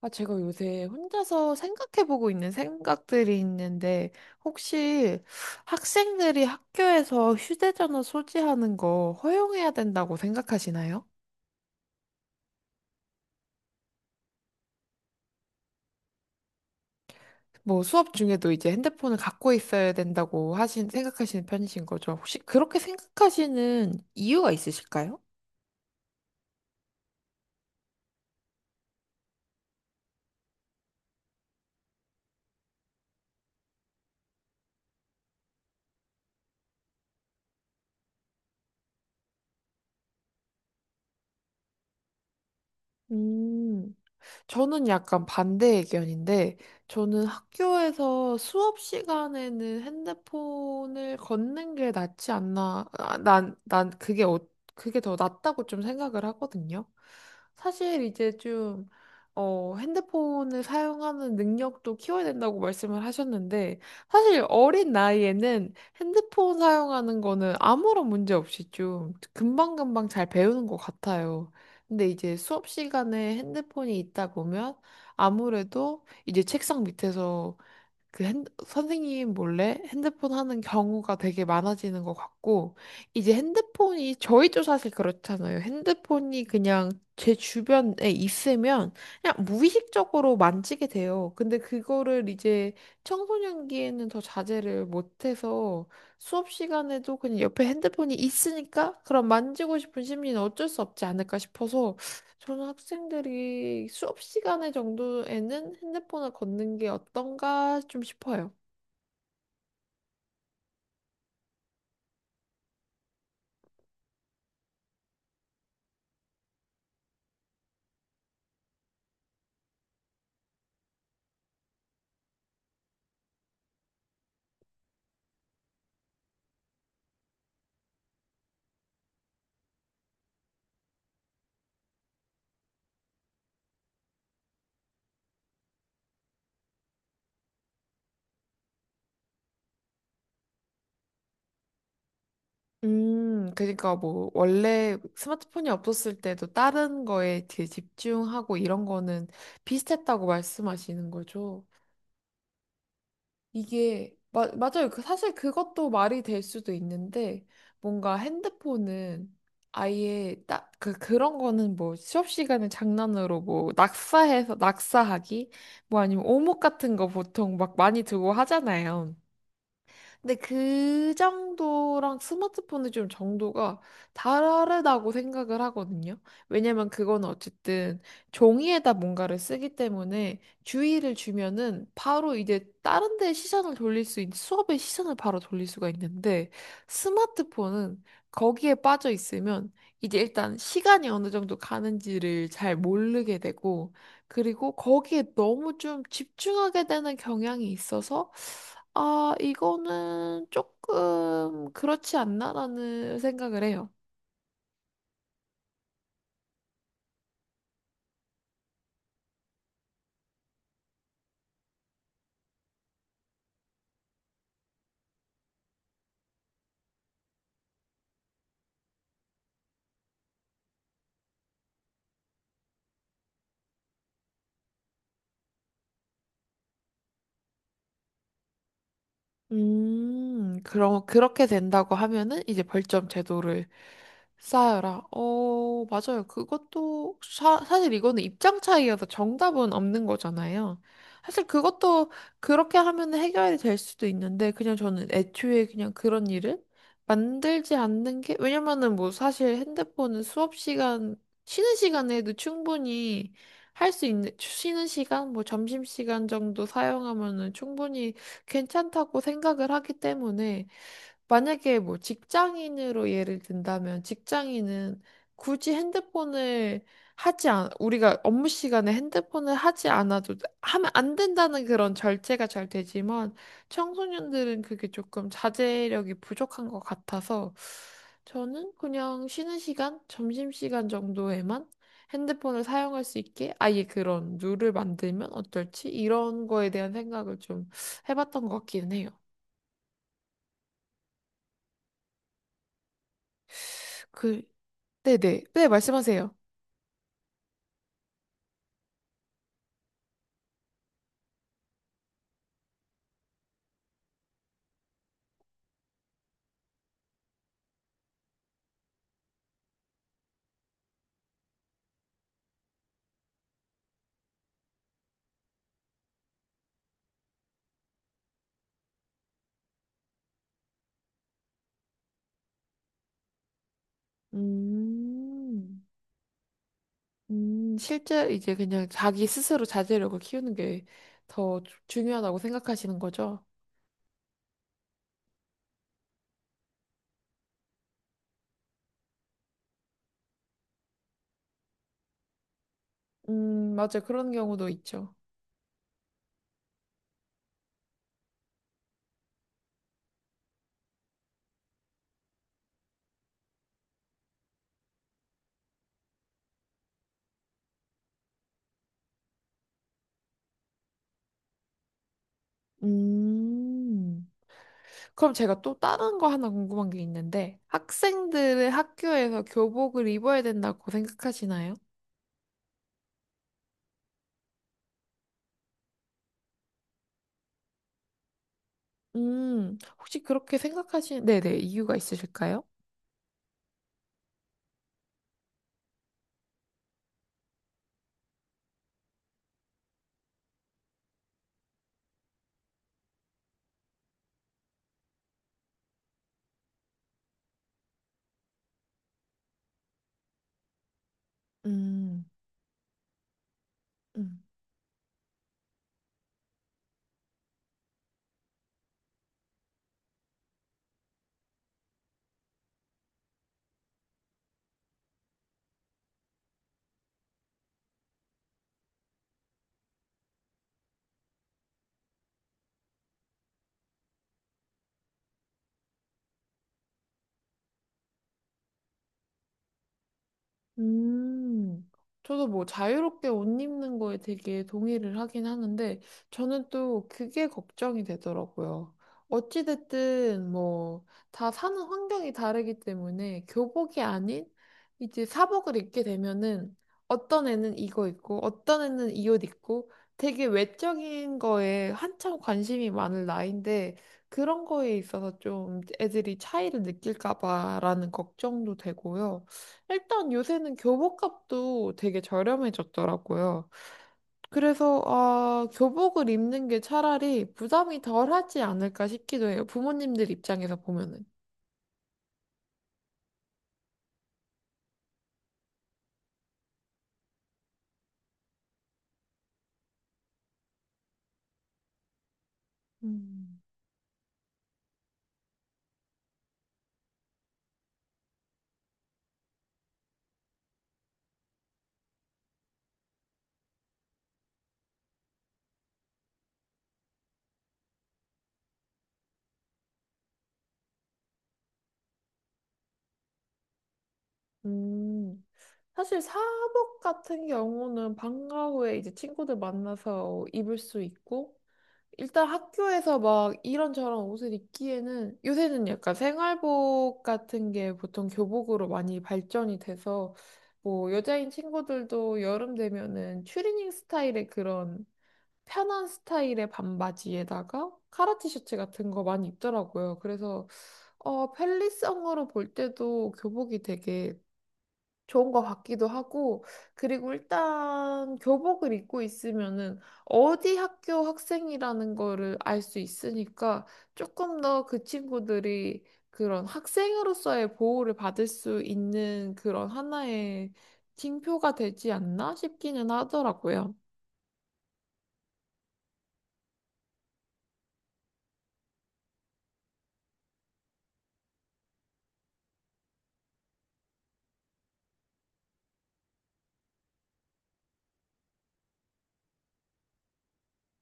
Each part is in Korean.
아, 제가 요새 혼자서 생각해보고 있는 생각들이 있는데, 혹시 학생들이 학교에서 휴대전화 소지하는 거 허용해야 된다고 생각하시나요? 뭐 수업 중에도 이제 핸드폰을 갖고 있어야 된다고 생각하시는 편이신 거죠? 혹시 그렇게 생각하시는 이유가 있으실까요? 음. 저는 약간 반대 의견인데, 저는 학교에서 수업 시간에는 핸드폰을 걷는 게 낫지 않나, 그게 더 낫다고 좀 생각을 하거든요. 사실 이제 좀, 핸드폰을 사용하는 능력도 키워야 된다고 말씀을 하셨는데, 사실 어린 나이에는 핸드폰 사용하는 거는 아무런 문제 없이 좀 금방금방 잘 배우는 것 같아요. 근데 이제 수업 시간에 핸드폰이 있다 보면 아무래도 이제 책상 밑에서 선생님 몰래 핸드폰 하는 경우가 되게 많아지는 것 같고, 이제 핸드폰이 저희도 사실 그렇잖아요. 핸드폰이 그냥 제 주변에 있으면 그냥 무의식적으로 만지게 돼요. 근데 그거를 이제 청소년기에는 더 자제를 못해서 수업 시간에도 그냥 옆에 핸드폰이 있으니까 그럼 만지고 싶은 심리는 어쩔 수 없지 않을까 싶어서 저는 학생들이 수업 시간에 정도에는 핸드폰을 걷는 게 어떤가 좀 싶어요. 그러니까 뭐 원래 스마트폰이 없었을 때도 다른 거에 되게 집중하고 이런 거는 비슷했다고 말씀하시는 거죠. 이게 맞아요. 그 사실 그것도 말이 될 수도 있는데 뭔가 핸드폰은 아예 딱 그 그런 거는 뭐 수업 시간에 장난으로 뭐 낙사해서 낙사하기 뭐 아니면 오목 같은 거 보통 막 많이 두고 하잖아요. 근데 그 정도랑 스마트폰은 좀 정도가 다르다고 생각을 하거든요. 왜냐면 그건 어쨌든 종이에다 뭔가를 쓰기 때문에 주의를 주면은 바로 이제 다른 데 시선을 돌릴 수 있는 수업의 시선을 바로 돌릴 수가 있는데 스마트폰은 거기에 빠져 있으면 이제 일단 시간이 어느 정도 가는지를 잘 모르게 되고, 그리고 거기에 너무 좀 집중하게 되는 경향이 있어서 아, 이거는 조금 그렇지 않나라는 생각을 해요. 그럼 그렇게 된다고 하면은 이제 벌점 제도를 쌓아라. 어, 맞아요. 그것도 사실 이거는 입장 차이여서 정답은 없는 거잖아요. 사실 그것도 그렇게 하면 해결이 될 수도 있는데 그냥 저는 애초에 그냥 그런 일을 만들지 않는 게, 왜냐면은 뭐 사실 핸드폰은 수업 시간 쉬는 시간에도 충분히 할 수 있는 쉬는 시간 뭐 점심 시간 정도 사용하면은 충분히 괜찮다고 생각을 하기 때문에, 만약에 뭐 직장인으로 예를 든다면 직장인은 굳이 핸드폰을 우리가 업무 시간에 핸드폰을 하지 않아도 하면 안 된다는 그런 절제가 잘 되지만 청소년들은 그게 조금 자제력이 부족한 것 같아서 저는 그냥 쉬는 시간, 점심시간 정도에만 핸드폰을 사용할 수 있게 아예 그런 룰을 만들면 어떨지 이런 거에 대한 생각을 좀 해봤던 것 같기는 해요. 그, 네네. 네, 말씀하세요. 음, 실제 이제 그냥 자기 스스로 자제력을 키우는 게 더 중요하다고 생각하시는 거죠? 맞아요. 그런 경우도 있죠. 음, 그럼 제가 또 다른 거 하나 궁금한 게 있는데, 학생들은 학교에서 교복을 입어야 된다고 생각하시나요? 혹시 그렇게 생각하시는, 네네, 이유가 있으실까요? 음, 음. 음, 저도 뭐 자유롭게 옷 입는 거에 되게 동의를 하긴 하는데, 저는 또 그게 걱정이 되더라고요. 어찌됐든 뭐, 다 사는 환경이 다르기 때문에 교복이 아닌 이제 사복을 입게 되면은 어떤 애는 이거 입고, 어떤 애는 이 옷 입고, 되게 외적인 거에 한참 관심이 많은 나이인데, 그런 거에 있어서 좀 애들이 차이를 느낄까 봐라는 걱정도 되고요. 일단 요새는 교복값도 되게 저렴해졌더라고요. 그래서, 아, 교복을 입는 게 차라리 부담이 덜하지 않을까 싶기도 해요. 부모님들 입장에서 보면은. 음. 음, 사실 사복 같은 경우는 방과 후에 이제 친구들 만나서 입을 수 있고, 일단 학교에서 막 이런저런 옷을 입기에는 요새는 약간 생활복 같은 게 보통 교복으로 많이 발전이 돼서 뭐 여자인 친구들도 여름 되면은 추리닝 스타일의 그런 편한 스타일의 반바지에다가 카라 티셔츠 같은 거 많이 입더라고요. 그래서 어 편리성으로 볼 때도 교복이 되게 좋은 것 같기도 하고, 그리고 일단 교복을 입고 있으면은 어디 학교 학생이라는 거를 알 수 있으니까 조금 더 그 친구들이 그런 학생으로서의 보호를 받을 수 있는 그런 하나의 징표가 되지 않나 싶기는 하더라고요.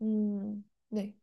네.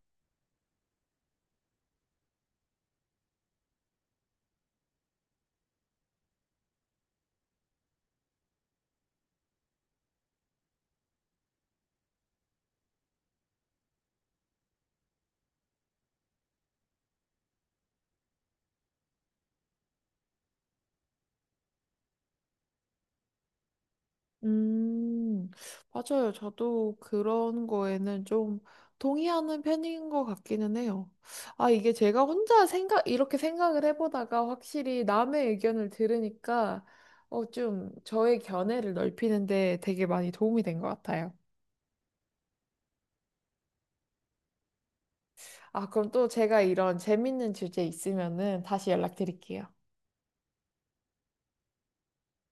음, 맞아요. 저도 그런 거에는 좀 동의하는 편인 것 같기는 해요. 아, 이게 제가 혼자 생각, 이렇게 생각을 해보다가 확실히 남의 의견을 들으니까 어, 좀 저의 견해를 넓히는데 되게 많이 도움이 된 것 같아요. 아, 그럼 또 제가 이런 재밌는 주제 있으면은 다시 연락드릴게요.